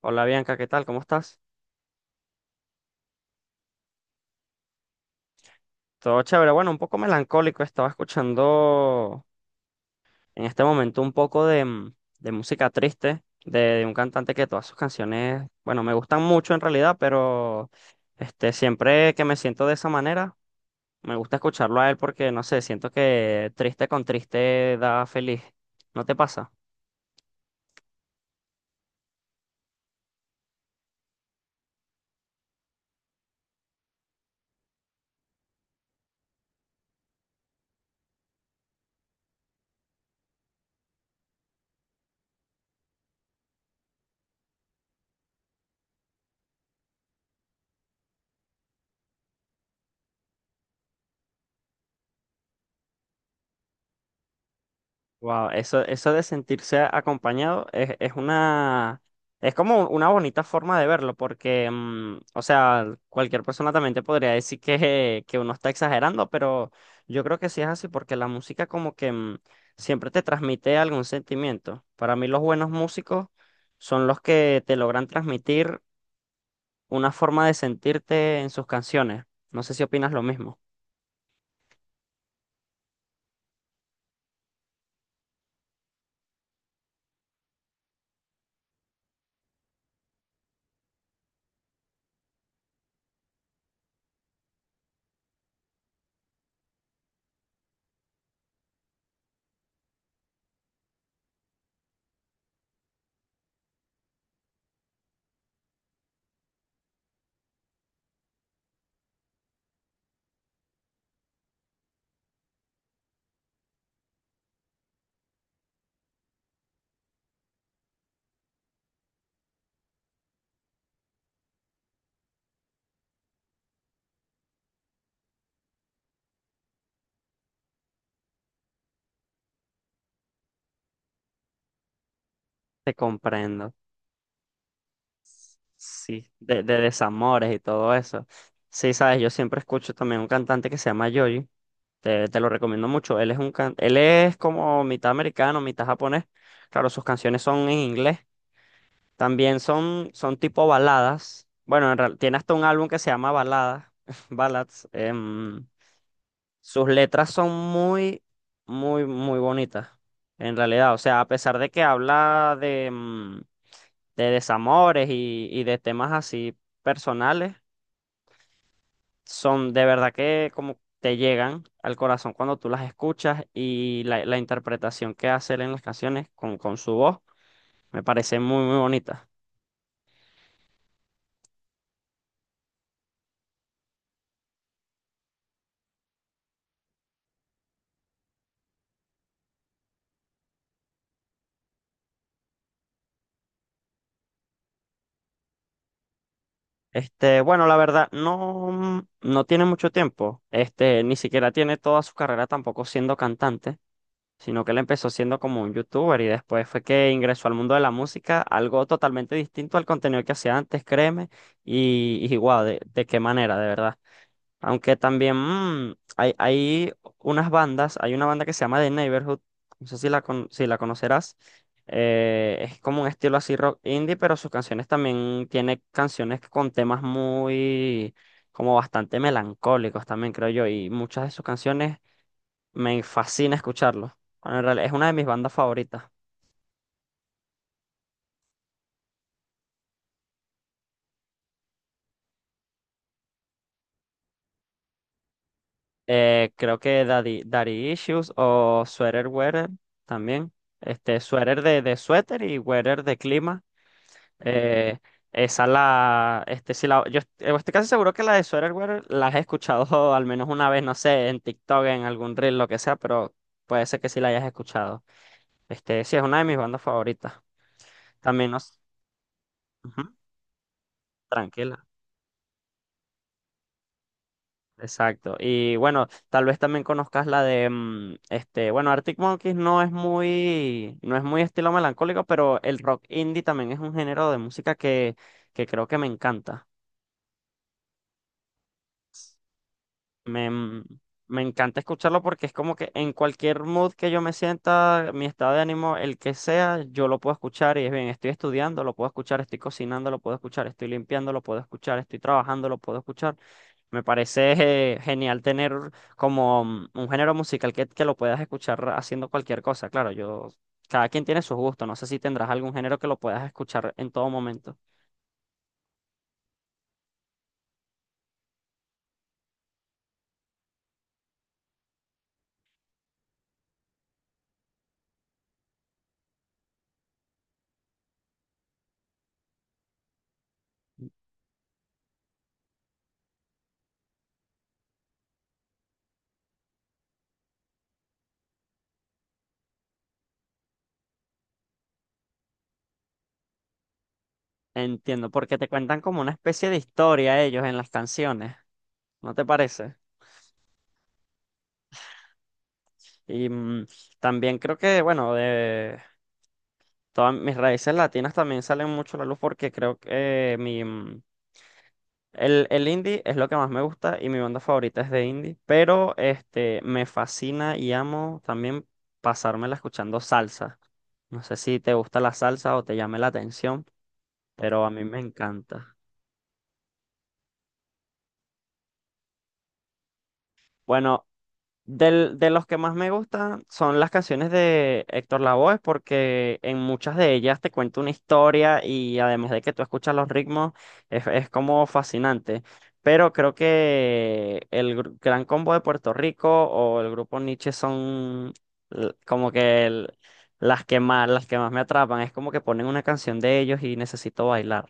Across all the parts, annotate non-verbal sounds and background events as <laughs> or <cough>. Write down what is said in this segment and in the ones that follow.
Hola Bianca, ¿qué tal? ¿Cómo estás? Todo chévere. Bueno, un poco melancólico. Estaba escuchando en este momento un poco de de música triste de un cantante que todas sus canciones, bueno, me gustan mucho en realidad, pero este, siempre que me siento de esa manera, me gusta escucharlo a él porque, no sé, siento que triste con triste da feliz. ¿No te pasa? Wow, eso de sentirse acompañado es una, es como una bonita forma de verlo, porque, o sea, cualquier persona también te podría decir que uno está exagerando, pero yo creo que sí es así, porque la música como que siempre te transmite algún sentimiento. Para mí los buenos músicos son los que te logran transmitir una forma de sentirte en sus canciones. No sé si opinas lo mismo. Te comprendo. Sí, de desamores y todo eso. Sí, sabes, yo siempre escucho también un cantante que se llama Yoji. Te lo recomiendo mucho. Él es un él es como mitad americano, mitad japonés. Claro, sus canciones son en inglés. También son tipo baladas. Bueno, en tiene hasta un álbum que se llama Baladas, <laughs> Ballads. Sus letras son muy, muy, muy bonitas. En realidad, o sea, a pesar de que habla de, de desamores y de temas así personales, son de verdad que como te llegan al corazón cuando tú las escuchas y la interpretación que hace él en las canciones con su voz me parece muy, muy bonita. Este, bueno, la verdad, no tiene mucho tiempo, este, ni siquiera tiene toda su carrera tampoco siendo cantante, sino que él empezó siendo como un youtuber y después fue que ingresó al mundo de la música, algo totalmente distinto al contenido que hacía antes, créeme, y guau, de qué manera, de verdad. Aunque también hay unas bandas, hay una banda que se llama The Neighborhood, no sé si si la conocerás, es como un estilo así rock indie, pero sus canciones también tiene canciones con temas muy, como bastante melancólicos también, creo yo, y muchas de sus canciones me fascina escucharlo. Bueno, en realidad es una de mis bandas favoritas. Creo que Daddy Issues o Sweater Weather también. Este, Sweater de suéter y Weather de clima. Eh, esa la, este, si yo estoy casi seguro que la de Sweater Weather la he escuchado <laughs> al menos una vez, no sé, en TikTok, en algún reel, lo que sea, pero puede ser que sí la hayas escuchado. Este, sí, es una de mis bandas favoritas. También nos... Ujú, tranquila. Exacto. Y bueno, tal vez también conozcas la de Arctic Monkeys no es muy, no es muy estilo melancólico, pero el rock indie también es un género de música que creo que me encanta. Me me encanta escucharlo porque es como que en cualquier mood que yo me sienta, mi estado de ánimo, el que sea, yo lo puedo escuchar y es bien, estoy estudiando, lo puedo escuchar, estoy cocinando, lo puedo escuchar, estoy limpiando, lo puedo escuchar, estoy trabajando, lo puedo escuchar. Me parece genial tener como un género musical que lo puedas escuchar haciendo cualquier cosa. Claro, yo, cada quien tiene sus gustos. No sé si tendrás algún género que lo puedas escuchar en todo momento. Entiendo, porque te cuentan como una especie de historia ellos en las canciones. ¿No te parece? Y también creo que, bueno, de todas mis raíces latinas también salen mucho a la luz porque creo que el indie es lo que más me gusta y mi banda favorita es de indie, pero este, me fascina y amo también pasármela escuchando salsa. No sé si te gusta la salsa o te llame la atención, pero a mí me encanta. Bueno, de los que más me gustan son las canciones de Héctor Lavoe, porque en muchas de ellas te cuenta una historia y además de que tú escuchas los ritmos, es como fascinante. Pero creo que el Gran Combo de Puerto Rico o el grupo Nietzsche son l- como que el- las que más me atrapan. Es como que ponen una canción de ellos y necesito bailar.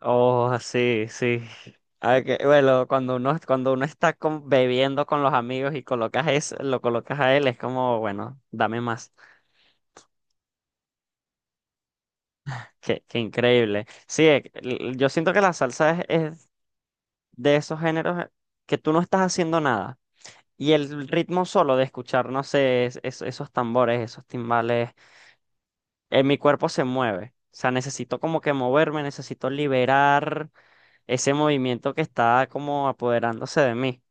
Oh, sí, sí. Ah, que, bueno, cuando uno está bebiendo con los amigos y colocas eso, lo colocas a él, es como, bueno, dame más. Qué, qué increíble. Sí, yo siento que la salsa es de esos géneros que tú no estás haciendo nada. Y el ritmo solo de escuchar, no sé, esos tambores, esos timbales, en mi cuerpo se mueve. O sea, necesito como que moverme, necesito liberar ese movimiento que está como apoderándose de mí.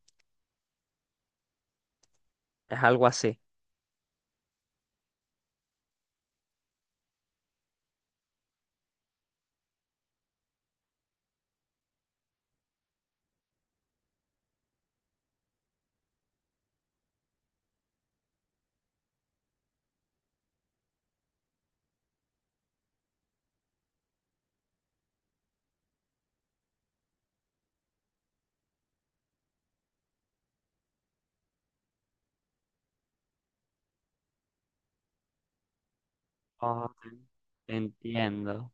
Es algo así. Oh, entiendo.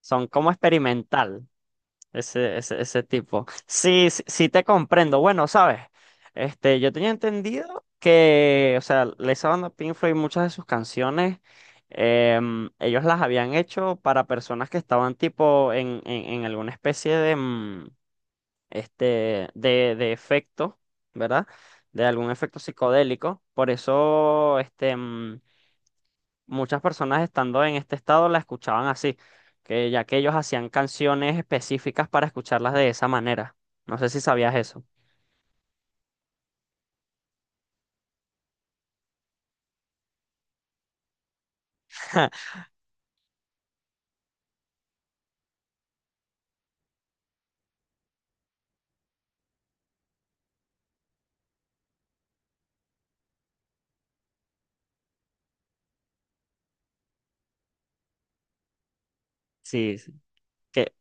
Son como experimental, ese tipo. Sí, sí, sí te comprendo. Bueno, sabes, este, yo tenía entendido que, o sea, esa banda Pink Floyd, muchas de sus canciones, em, ellos las habían hecho para personas que estaban tipo en alguna especie de, de efecto, ¿verdad? De algún efecto psicodélico. Por eso, muchas personas estando en este estado la escuchaban así, que ya que ellos hacían canciones específicas para escucharlas de esa manera. No sé si sabías eso. <laughs> Sí, sí, que,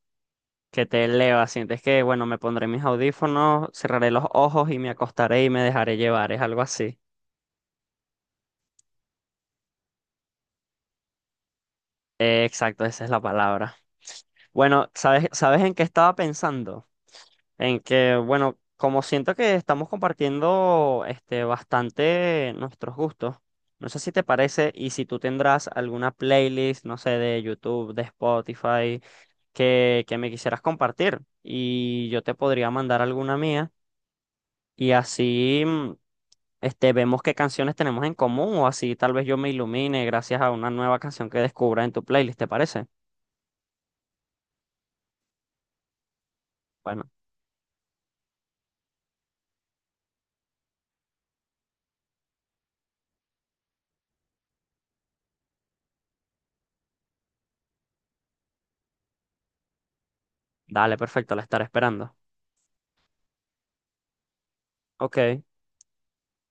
que te eleva, sientes que, bueno, me pondré mis audífonos, cerraré los ojos y me acostaré y me dejaré llevar, es algo así. Exacto, esa es la palabra. Bueno, ¿sabes, sabes en qué estaba pensando? En que, bueno, como siento que estamos compartiendo este, bastante nuestros gustos, no sé si te parece y si tú tendrás alguna playlist, no sé, de YouTube, de Spotify, que me quisieras compartir y yo te podría mandar alguna mía y así vemos qué canciones tenemos en común o así tal vez yo me ilumine gracias a una nueva canción que descubra en tu playlist, ¿te parece? Bueno, dale, perfecto, la estaré esperando. Ok.